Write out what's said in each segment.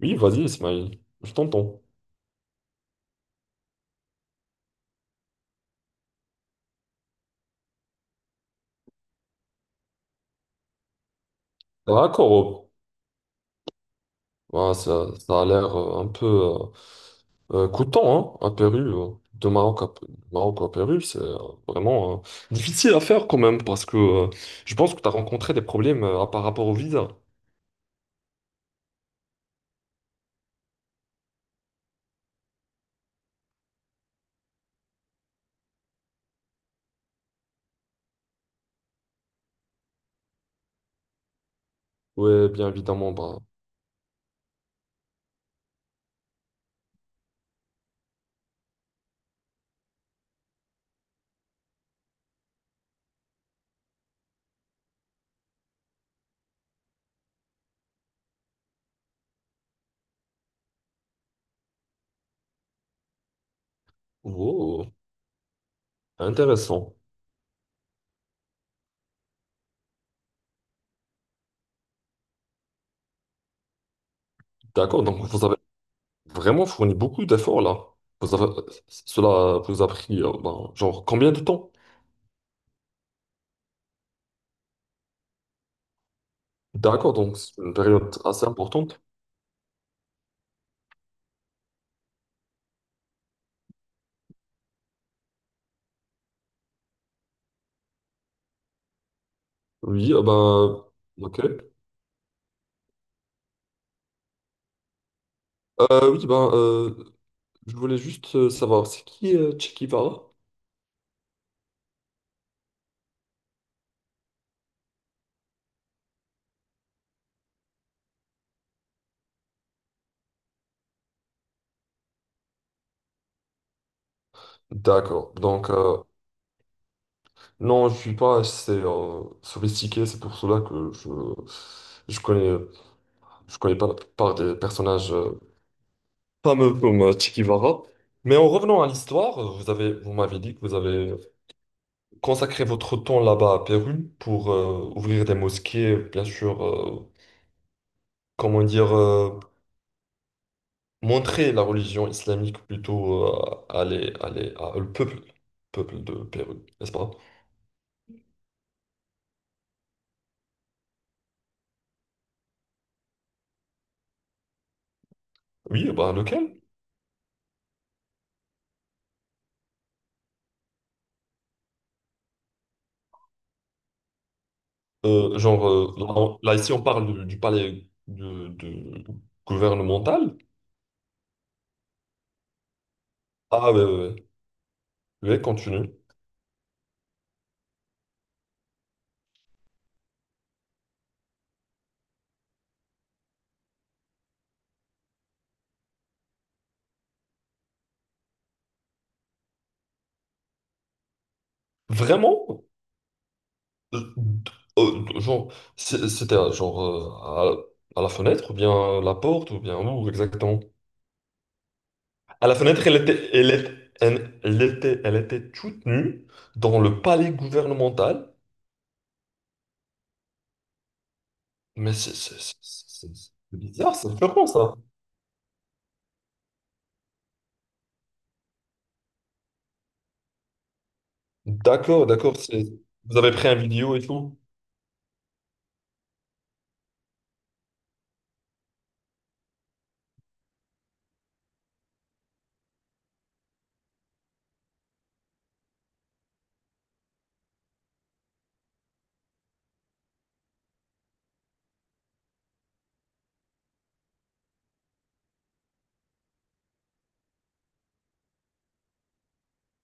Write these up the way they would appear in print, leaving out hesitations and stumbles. Oui, vas-y, Ismail, je t'entends. D'accord, oh. Ouais, ça a l'air un peu coûtant, hein, à Pérou. De Maroc à, Maroc à Pérou, c'est vraiment difficile à faire quand même, parce que je pense que tu as rencontré des problèmes par rapport au visa. Oui, bien évidemment, bah, wow, intéressant. D'accord, donc vous avez vraiment fourni beaucoup d'efforts là. Vous avez, cela vous a pris, bah, genre, combien de temps? D'accord, donc c'est une période assez importante. Oui, ah bah, ok. Oui, ben, je voulais juste savoir, c'est qui Che Guevara? D'accord. Donc, non, je suis pas assez sophistiqué, c'est pour cela que je, je connais, je connais pas la plupart des personnages fameux comme Che Guevara. Mais en revenant à l'histoire, vous avez, vous m'avez dit que vous avez consacré votre temps là-bas à Pérou pour ouvrir des mosquées, bien sûr, comment dire, montrer la religion islamique plutôt à le peuple, peuple de Pérou, n'est-ce pas? Oui, bah lequel? Là, ici, on parle du palais gouvernemental. Ah, ouais, ouais, continue. Vraiment? Euh, euh, genre, c'était à la fenêtre, ou bien la porte, ou bien où exactement? À la fenêtre, elle était, elle est- elle elle était toute nue dans le palais gouvernemental. Mais c'est bizarre, c'est flippant ça. D'accord, d'accord. Vous avez pris un vidéo et tout?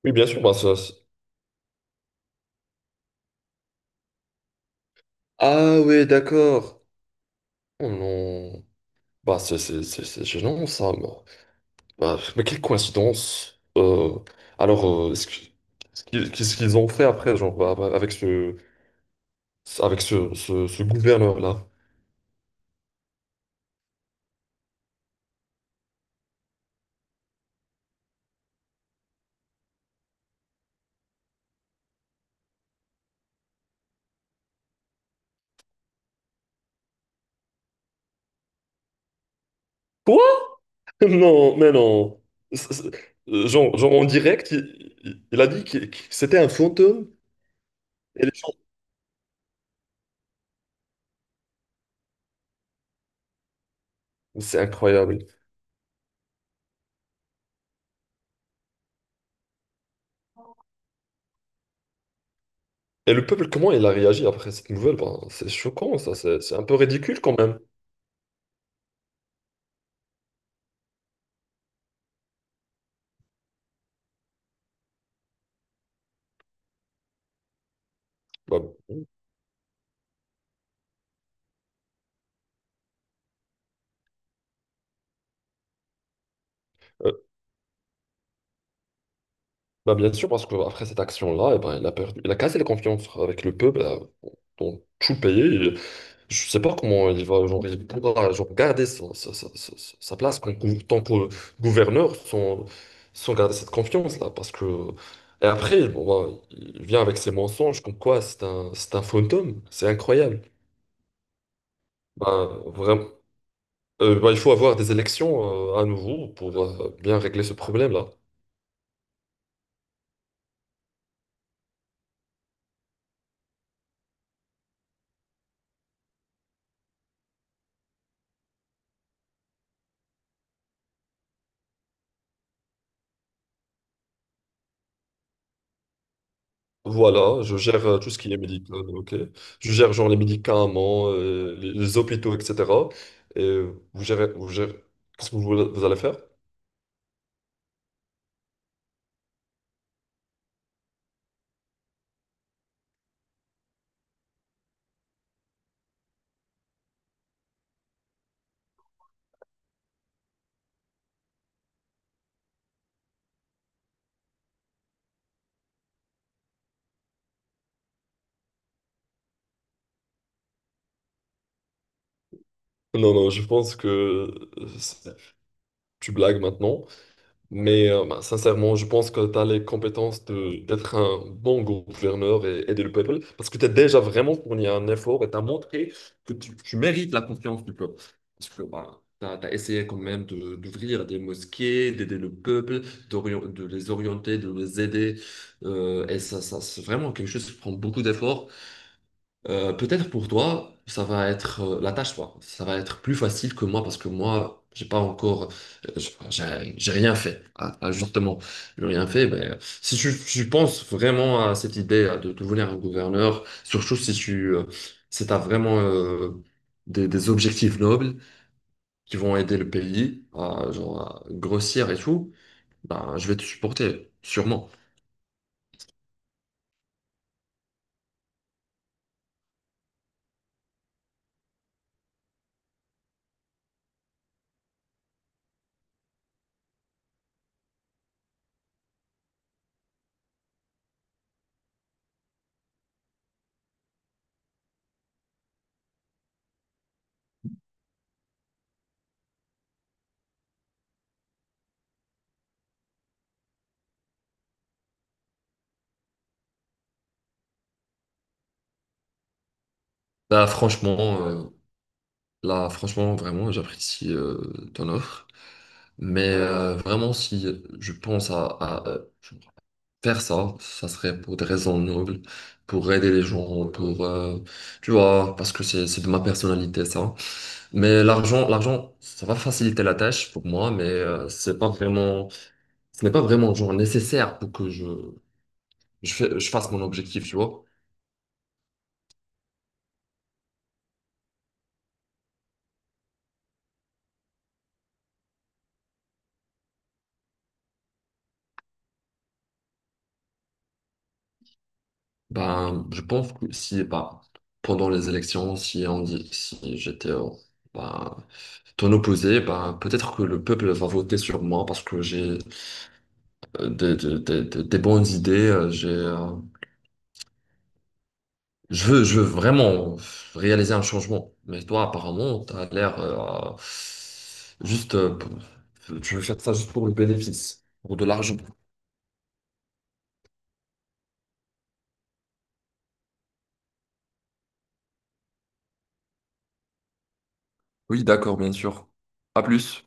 Oui, bien sûr. Ah oui, d'accord. Oh non. Bah, c'est gênant ça. Bah, bah, mais quelle coïncidence. Alors, est-ce que- qu'est-ce qu'ils ont fait après, genre, bah, bah, ce gouverneur-là? Quoi? Non, mais non. C'est- c'est- genre, en direct, il a dit que c'était un fantôme. C'est incroyable. Et le peuple, comment il a réagi après cette nouvelle? Ben, c'est choquant, ça. C'est un peu ridicule quand même. Bah, euh, bah, bien sûr, parce qu'après cette action-là, eh ben, il a perdu, il a cassé la confiance avec le peuple dans tout le pays. Je sais pas comment il va, genre, il pourra genre, garder sa place en tant que gouverneur sans, sans garder cette confiance-là. Parce que... Et après, bon, bah, il vient avec ses mensonges comme quoi c'est un fantôme. C'est incroyable. Bah, vraiment. Bah, il faut avoir des élections à nouveau pour bien régler ce problème-là. Voilà, je gère tout ce qui est médical, ok? Je gère genre les médicaments, les hôpitaux, etc. Et vous gérez... Qu'est-ce que vous allez faire? Non, non, je pense que tu blagues maintenant. Mais bah, sincèrement, je pense que tu as les compétences d'être un bon gouverneur et aider le peuple parce que tu as déjà vraiment fourni un effort et tu as montré que tu mérites la confiance du peuple. Parce que tu as, essayé quand même d'ouvrir des mosquées, d'aider le peuple, de les orienter, de les aider. Et ça c'est vraiment quelque chose qui prend beaucoup d'efforts. Peut-être pour toi, ça va être la tâche, toi. Ça va être plus facile que moi parce que moi, j'ai pas encore, j'ai rien fait. Ah, ah, justement, j'ai rien fait. Mais si tu penses vraiment à cette idée de devenir un gouverneur, surtout si tu, si t'as vraiment des objectifs nobles qui vont aider le pays à, genre, à grossir et tout, ben, je vais te supporter, sûrement. Là, franchement, vraiment, j'apprécie ton offre. Mais vraiment, si je pense faire ça, ça serait pour des raisons nobles, pour aider les gens, pour, tu vois, parce que c'est de ma personnalité, ça. Mais l'argent, ça va faciliter la tâche pour moi, mais c'est pas vraiment, ce n'est pas vraiment genre nécessaire pour que je fasse mon objectif, tu vois. Ben, je pense que si, bah pendant les élections, si on dit, si j'étais au- ben, ton opposé, ben, peut-être que le peuple va voter sur moi parce que j'ai des bonnes idées. Je veux vraiment réaliser un changement. Mais toi, apparemment, tu as l'air juste, tu veux faire ça juste pour le bénéfice, pour de l'argent. Oui, d'accord, bien sûr. À plus.